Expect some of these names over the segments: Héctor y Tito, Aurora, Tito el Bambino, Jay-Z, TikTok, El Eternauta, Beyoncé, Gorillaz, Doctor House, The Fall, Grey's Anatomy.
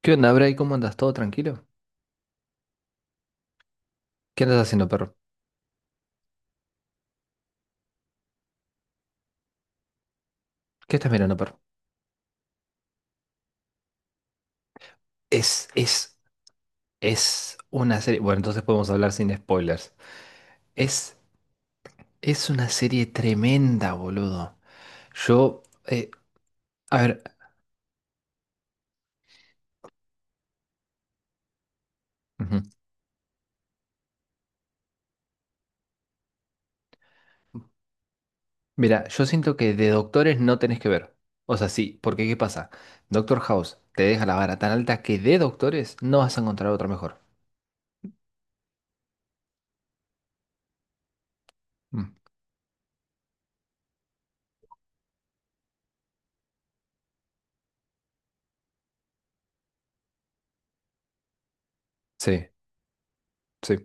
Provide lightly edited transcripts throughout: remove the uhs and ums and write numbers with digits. ¿Qué onda, Bray? ¿Cómo andas? ¿Todo tranquilo? ¿Qué andas haciendo, perro? ¿Qué estás mirando, perro? Es, es, es una serie. Bueno, entonces podemos hablar sin spoilers. Es, es una serie tremenda, boludo. Yo, a ver, ujú. Mira, yo siento que de doctores no tenés que ver. O sea, sí, porque ¿qué pasa? Doctor House te deja la vara tan alta que de doctores no vas a encontrar otra mejor. Mm, sí, sí.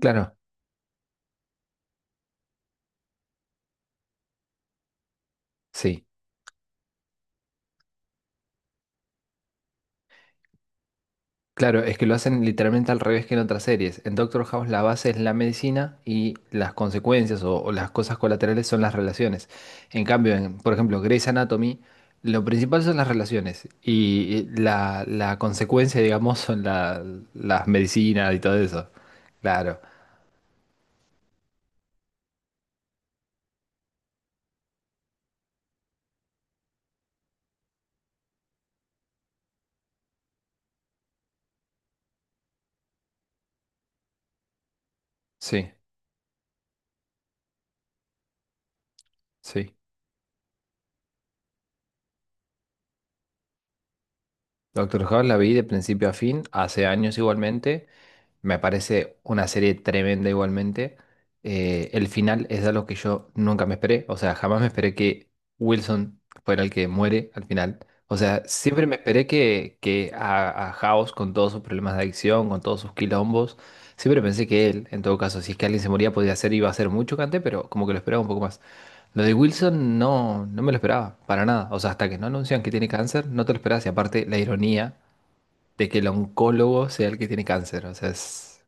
Claro, sí. Claro, es que lo hacen literalmente al revés que en otras series. En Doctor House la base es la medicina y las consecuencias o las cosas colaterales son las relaciones. En cambio, en, por ejemplo, Grey's Anatomy, lo principal son las relaciones y la consecuencia, digamos, son las medicinas y todo eso. Claro, sí, sí. Doctor House la vi de principio a fin, hace años igualmente. Me parece una serie tremenda igualmente. El final es algo que yo nunca me esperé. O sea, jamás me esperé que Wilson fuera el que muere al final. O sea, siempre me esperé que a House, con todos sus problemas de adicción, con todos sus quilombos, siempre pensé que él, en todo caso, si es que alguien se moría, podía ser, iba a ser muy chocante, pero como que lo esperaba un poco más. Lo de Wilson no, no me lo esperaba, para nada. O sea, hasta que no anuncian que tiene cáncer, no te lo esperas. Y aparte, la ironía de que el oncólogo sea el que tiene cáncer. O sea, es.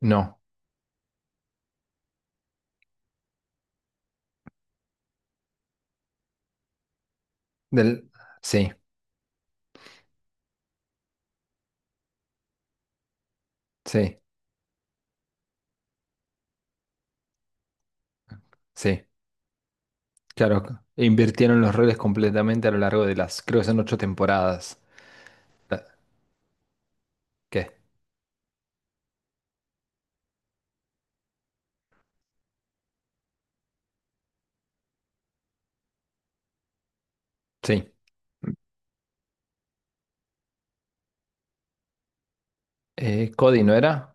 No, del, sí, sí, sí, claro, e invirtieron los roles completamente a lo largo de las, creo que son ocho temporadas. La- ¿Qué? Sí. Cody, ¿no era?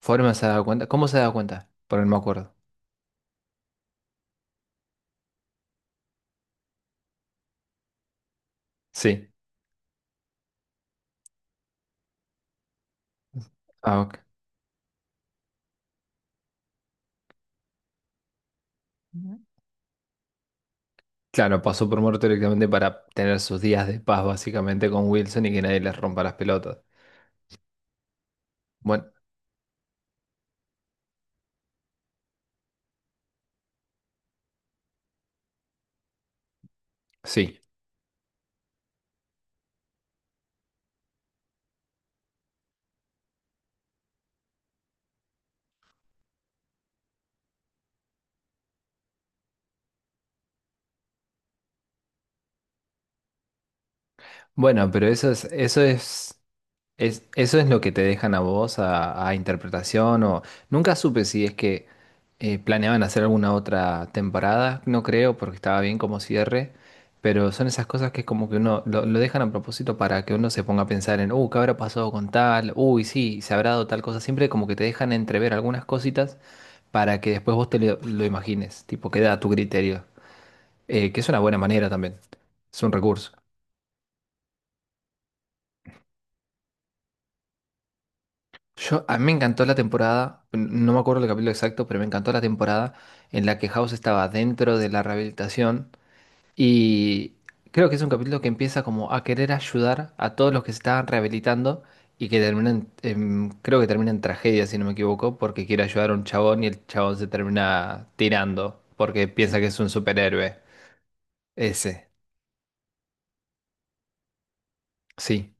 ¿Foreman se ha dado cuenta? ¿Cómo se ha dado cuenta? Por no me acuerdo. Sí. Ah, ok. Ujú. Claro, pasó por muerto directamente para tener sus días de paz básicamente con Wilson y que nadie les rompa las pelotas. Bueno, sí. Bueno, pero eso es, eso es. Eso es lo que te dejan a vos a interpretación o nunca supe si es que planeaban hacer alguna otra temporada, no creo porque estaba bien como cierre, pero son esas cosas que es como que uno lo dejan a propósito para que uno se ponga a pensar en, ¿qué habrá pasado con tal? Uy, sí, se habrá dado tal cosa, siempre como que te dejan entrever algunas cositas para que después vos te lo imagines, tipo queda a tu criterio, que es una buena manera también, es un recurso. Yo, a mí me encantó la temporada, no me acuerdo el capítulo exacto, pero me encantó la temporada en la que House estaba dentro de la rehabilitación y creo que es un capítulo que empieza como a querer ayudar a todos los que se estaban rehabilitando y que termina creo que termina en tragedia, si no me equivoco, porque quiere ayudar a un chabón y el chabón se termina tirando porque piensa que es un superhéroe. Ese, sí.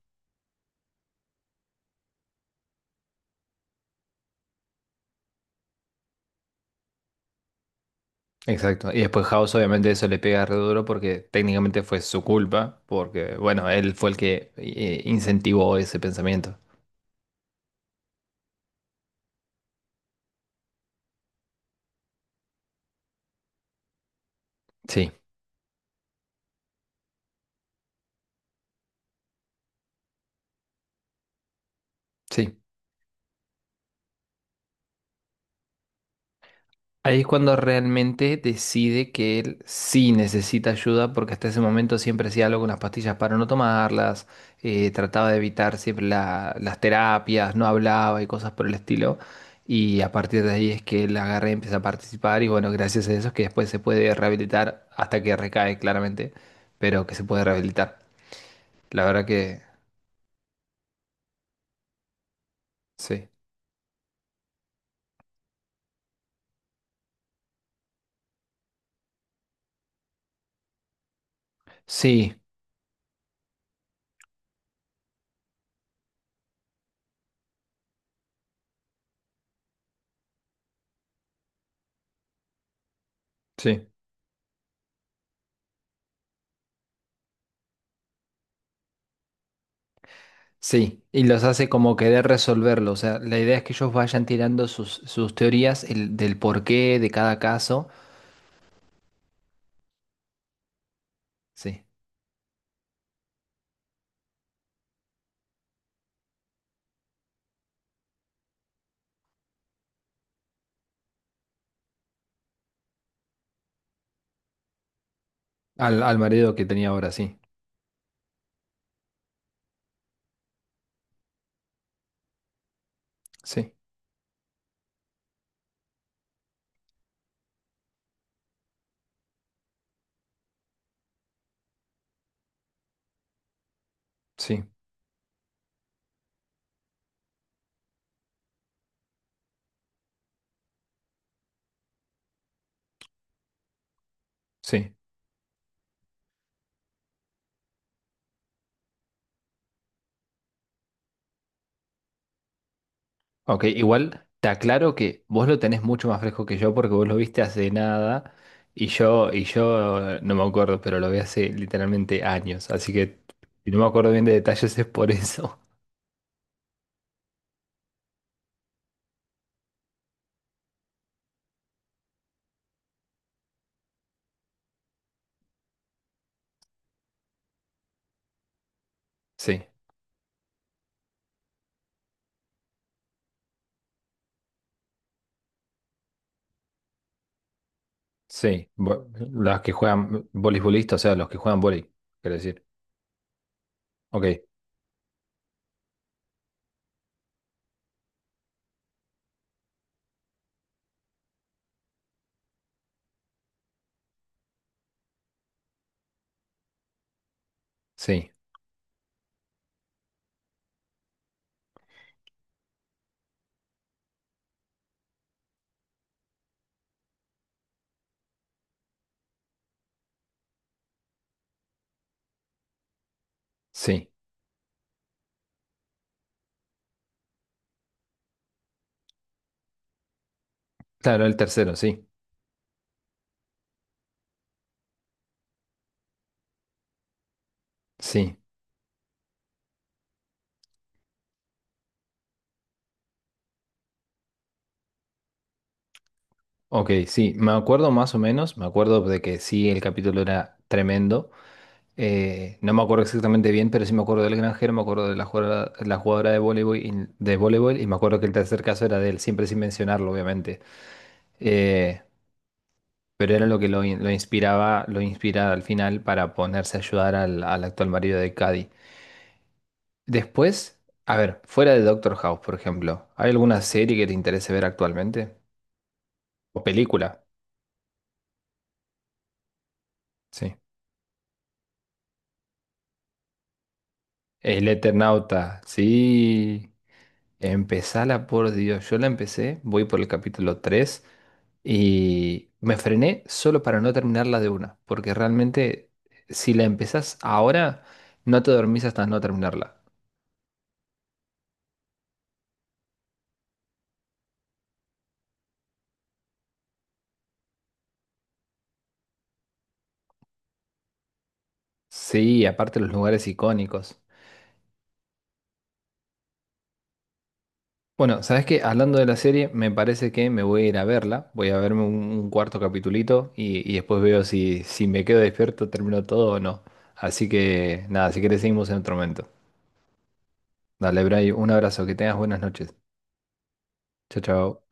Exacto. Y después House, obviamente, eso le pega re duro porque técnicamente fue su culpa, porque, bueno, él fue el que incentivó ese pensamiento. Sí, sí. Ahí es cuando realmente decide que él sí necesita ayuda, porque hasta ese momento siempre hacía algo con las pastillas para no tomarlas, trataba de evitar siempre las terapias, no hablaba y cosas por el estilo. Y a partir de ahí es que él agarra y empieza a participar, y bueno, gracias a eso es que después se puede rehabilitar hasta que recae claramente, pero que se puede rehabilitar. La verdad que sí. Sí, sí. Sí, y los hace como querer resolverlo. O sea, la idea es que ellos vayan tirando sus teorías del porqué de cada caso. Sí, al marido que tenía ahora, sí. Sí, sí, sí. Ok, igual te aclaro que vos lo tenés mucho más fresco que yo porque vos lo viste hace nada y yo no me acuerdo, pero lo vi hace literalmente años. Así que si no me acuerdo bien de detalles es por eso. Sí, sí. Los que juegan voleibolistas, o sea, los que juegan vóley, quiero decir. Ok. Sí, sí. Claro, el tercero, sí. Sí. Ok, sí. Me acuerdo más o menos. Me acuerdo de que sí, el capítulo era tremendo. No me acuerdo exactamente bien, pero sí me acuerdo del granjero, me acuerdo de la jugadora de voleibol y me acuerdo que el tercer caso era de él, siempre sin mencionarlo, obviamente. Eh, pero era lo que lo inspiraba al final para ponerse a ayudar al actual marido de Cady. Después, a ver, fuera de Doctor House, por ejemplo, ¿hay alguna serie que te interese ver actualmente? O película, sí. El Eternauta, sí. Empezala, por Dios. Yo la empecé, voy por el capítulo 3 y me frené solo para no terminarla de una, porque realmente si la empezás ahora, no te dormís hasta no terminarla. Sí, aparte los lugares icónicos. Bueno, sabes que hablando de la serie, me parece que me voy a ir a verla. Voy a verme un cuarto capitulito y después veo si me quedo despierto, termino todo o no. Así que nada, si querés seguimos en otro momento. Dale, Bray, un abrazo, que tengas buenas noches. Chao, chao.